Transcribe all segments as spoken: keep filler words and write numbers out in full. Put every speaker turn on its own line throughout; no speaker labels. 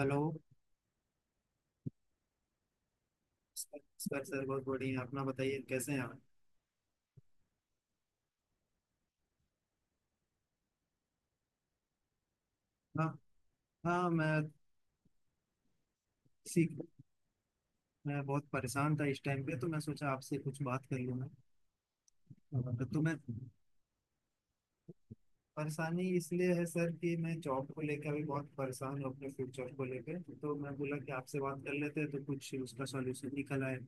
Hello. Sir sir sir, बहुत बढ़िया हैं। अपना बताइए कैसे हैं आप। हाँ हाँ। मैं इसी मैं बहुत परेशान था इस टाइम पे, तो मैं सोचा आपसे कुछ बात कर लूँ। मैं तो मैं परेशानी इसलिए है सर कि मैं जॉब को लेकर अभी बहुत परेशान हूँ, अपने फ्यूचर को लेकर, तो मैं बोला कि आपसे बात कर लेते हैं तो कुछ उसका सॉल्यूशन निकल आए।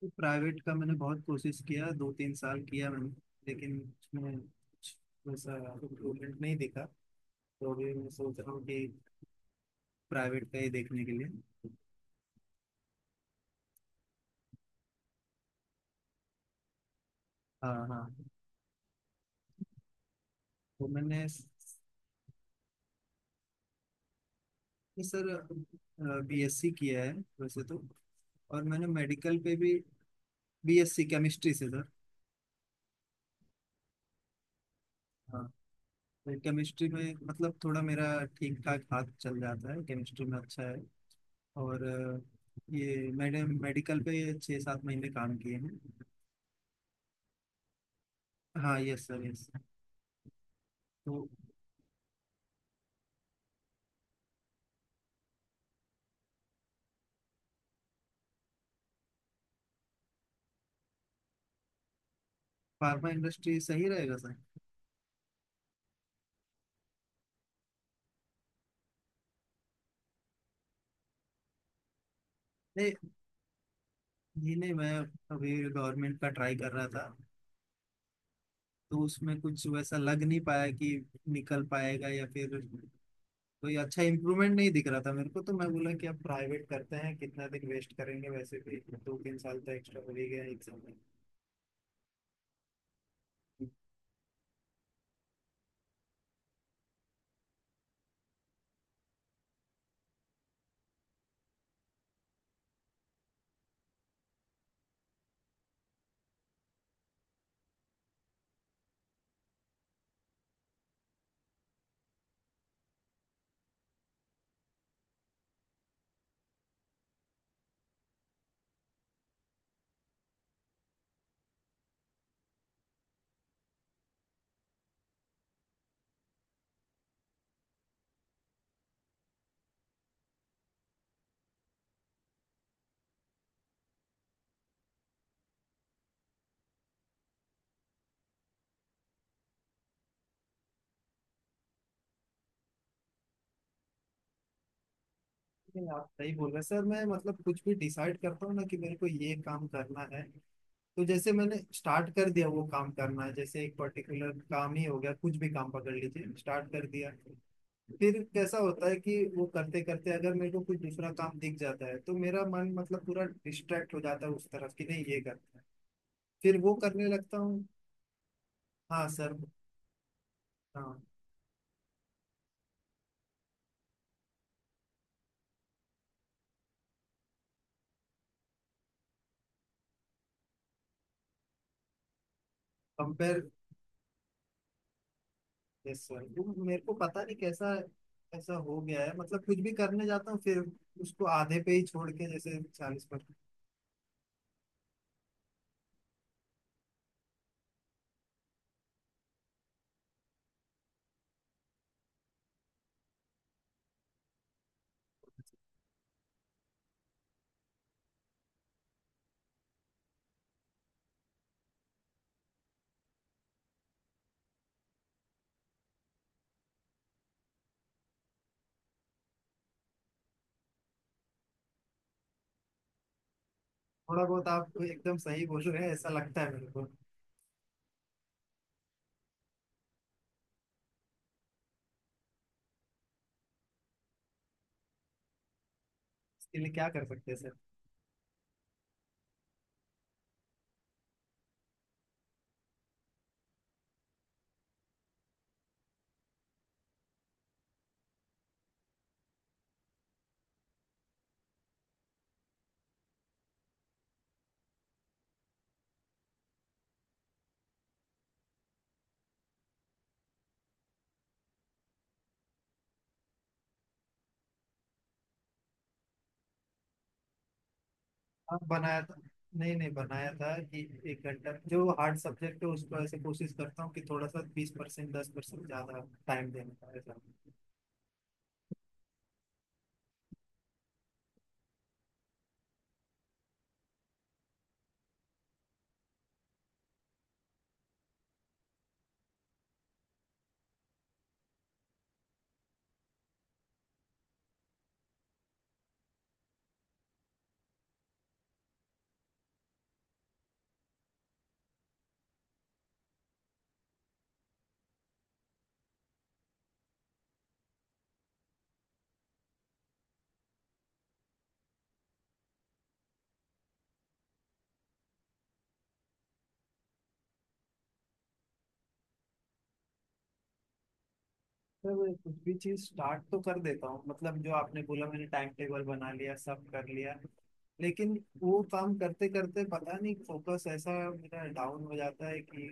तो प्राइवेट का मैंने बहुत कोशिश किया, दो तीन साल किया मैंने, लेकिन उसमें कुछ वैसा इम्प्रूवमेंट नहीं दिखा। तो अभी मैं सोच रहा हूँ कि प्राइवेट का ही देखने के लिए। हाँ हाँ। तो मैंने सर बी एस सी किया है वैसे तो। और मैंने मेडिकल पे भी। बीएससी केमिस्ट्री से सर। हाँ। तो केमिस्ट्री में मतलब थोड़ा मेरा ठीक ठाक हाथ चल जाता है, केमिस्ट्री में अच्छा है। और अ, ये मैंने मेडिकल पे छः सात महीने काम किए हैं। हाँ, यस सर, यस। तो फार्मा इंडस्ट्री सही रहेगा सर। नहीं नहीं नहीं, मैं अभी गवर्नमेंट का ट्राई कर रहा था। तो उसमें कुछ वैसा लग नहीं पाया कि निकल पाएगा, या फिर कोई अच्छा इम्प्रूवमेंट नहीं दिख रहा था मेरे को, तो मैं बोला कि अब प्राइवेट करते हैं, कितना दिन वेस्ट करेंगे वैसे भी। दो तीन साल तो एक्स्ट्रा हो ही गया एग्जाम में। नहीं, आप सही बोल रहे हैं सर। मैं मतलब कुछ भी डिसाइड करता हूँ ना कि मेरे को ये काम करना है, तो जैसे मैंने स्टार्ट कर दिया, वो काम करना है। जैसे एक पर्टिकुलर काम ही हो गया, कुछ भी काम पकड़ लीजिए, स्टार्ट कर दिया। फिर कैसा होता है कि वो करते करते अगर मेरे को कुछ दूसरा काम दिख जाता है, तो मेरा मन मतलब पूरा डिस्ट्रैक्ट हो जाता है उस तरफ, कि नहीं, ये करना है। फिर वो करने लगता हूँ। हाँ सर। हाँ। कंपेयर। यस सर, वो मेरे को पता नहीं कैसा ऐसा हो गया है, मतलब कुछ भी करने जाता हूँ, फिर उसको आधे पे ही छोड़ के, जैसे चालीस पर। थोड़ा बहुत आप एकदम सही बोल रहे हैं, ऐसा लगता है मेरे को। इसके लिए क्या कर सकते हैं सर? आप बनाया था। नहीं नहीं, बनाया था कि एक घंटा जो हार्ड सब्जेक्ट है उसको ऐसे कोशिश करता हूँ कि थोड़ा सा बीस परसेंट दस परसेंट ज़्यादा टाइम देने का, ऐसा। सर, मैं कुछ भी चीज स्टार्ट तो कर देता हूँ, मतलब जो आपने बोला मैंने टाइम टेबल बना लिया, सब कर लिया, लेकिन वो काम करते करते पता नहीं फोकस ऐसा मेरा डाउन हो जाता है कि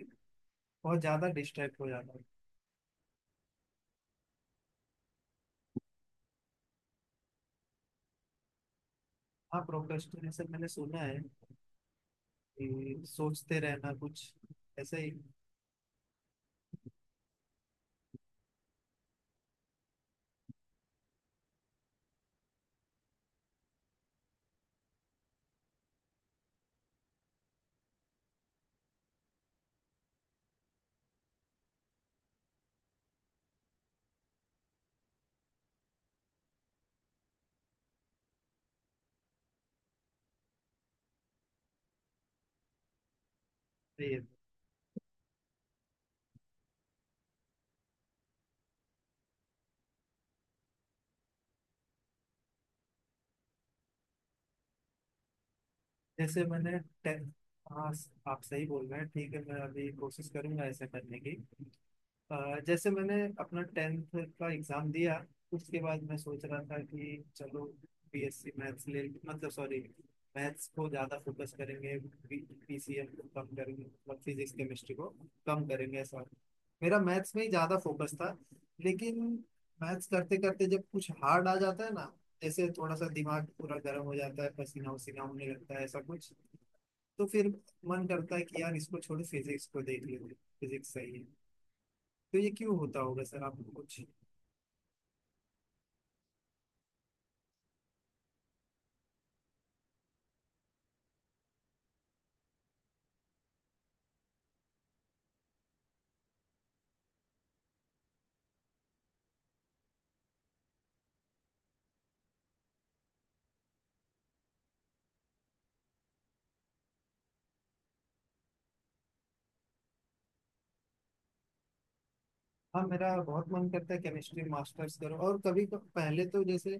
बहुत ज्यादा डिस्ट्रैक्ट हो जाता है। हाँ, प्रोक्रेस्टिनेशन मैंने सुना है, कि सोचते रहना कुछ ऐसे ही। सही है। जैसे मैंने टे- हाँ, आप सही बोल रहे हैं, ठीक है, मैं अभी कोशिश करूंगा ऐसे करने की। अ, जैसे मैंने अपना टेंथ का एग्जाम दिया, उसके बाद मैं सोच रहा था कि चलो बी एस सी मैथ्स ले, मतलब सॉरी, मैथ्स को ज़्यादा फोकस करेंगे, पी सी एम को कम करेंगे, मतलब फिजिक्स केमिस्ट्री को कम करेंगे, ऐसा। मेरा मैथ्स में ही ज़्यादा फोकस था, लेकिन मैथ्स करते करते जब कुछ हार्ड आ जाता है ना, जैसे थोड़ा सा दिमाग पूरा गर्म हो जाता है, पसीना वसीना होने लगता है, ऐसा कुछ। तो फिर मन करता है कि यार इसको छोड़, फिजिक्स को देख लेते, फिजिक्स सही है। तो ये क्यों होता होगा सर, आपको कुछ? हाँ, मेरा बहुत मन करता है केमिस्ट्री मास्टर्स करो। और कभी क- पहले तो जैसे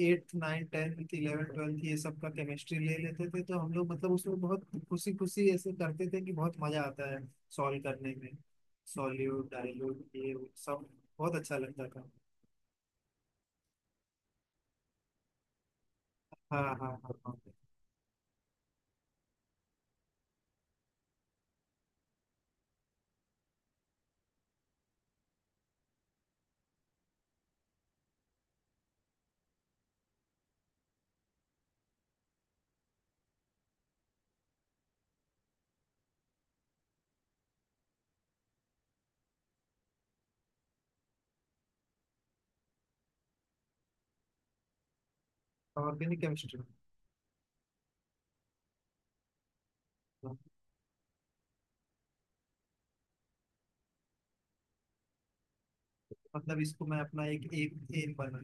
eighth nine tenth eleven twelfth ये सब का केमिस्ट्री ले लेते थे, तो हम लोग मतलब उसमें बहुत खुशी खुशी ऐसे करते थे कि बहुत मजा आता है सॉल्व करने में। सॉल्यूट डाइल्यूट, ये वो सब बहुत अच्छा लगता था। हाँ हाँ हाँ हाँ। Organic chemistry. मतलब इसको मैं अपना एक एम एम बना,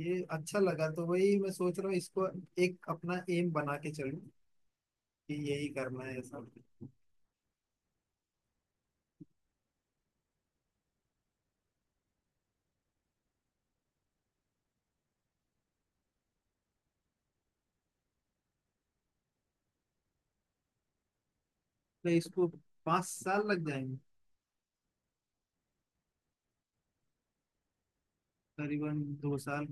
ये अच्छा लगा, तो वही मैं सोच रहा हूँ इसको एक अपना एम बना के चलूँ, कि यही करना है सब। तो इसको पाँच साल लग जाएंगे। करीबन दो साल।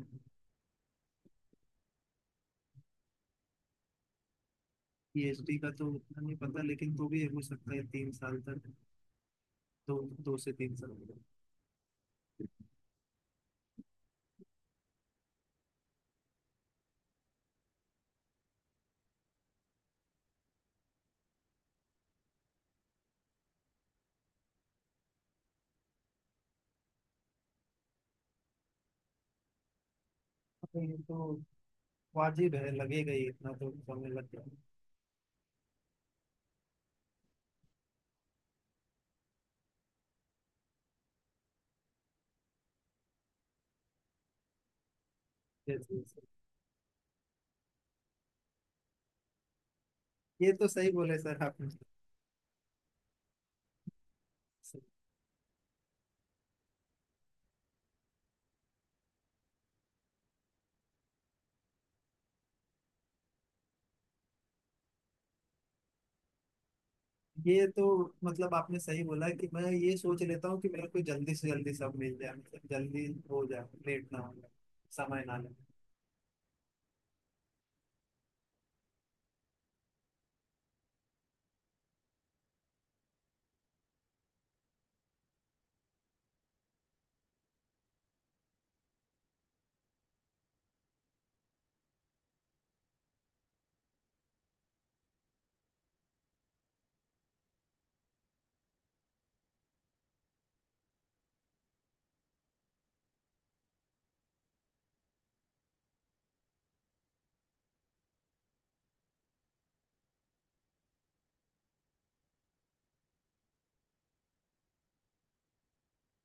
पी एच डी का तो उतना नहीं पता, लेकिन तो भी हो सकता है तीन साल तक। दो दो से तीन साल तक। ये तो वाजिब है, लगेगा ही, इतना तो समय लग जाएगा। जैसे जैसे। ये तो सही बोले सर आपने। ये तो मतलब आपने सही बोला कि मैं ये सोच लेता हूँ कि मेरे को जल्दी से जल्दी सब मिल जाए, मतलब जल्दी हो जाए, लेट ना हो जाए, समय ना लगे।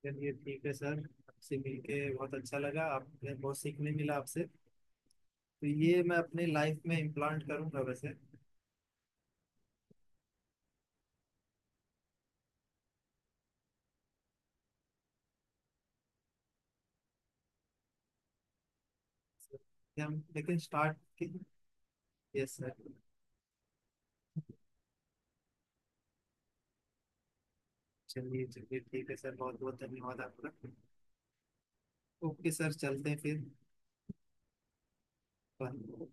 चलिए, ठीक है सर, आपसे मिलके बहुत अच्छा लगा, आपने बहुत सीखने मिला आपसे। तो ये मैं अपनी लाइफ में इम्प्लांट करूंगा वैसे। ये हम लेकिन स्टार्ट। Yes sir. चलिए चलिए, ठीक है सर, बहुत बहुत धन्यवाद आपका। ओके सर, चलते हैं फिर। बाय।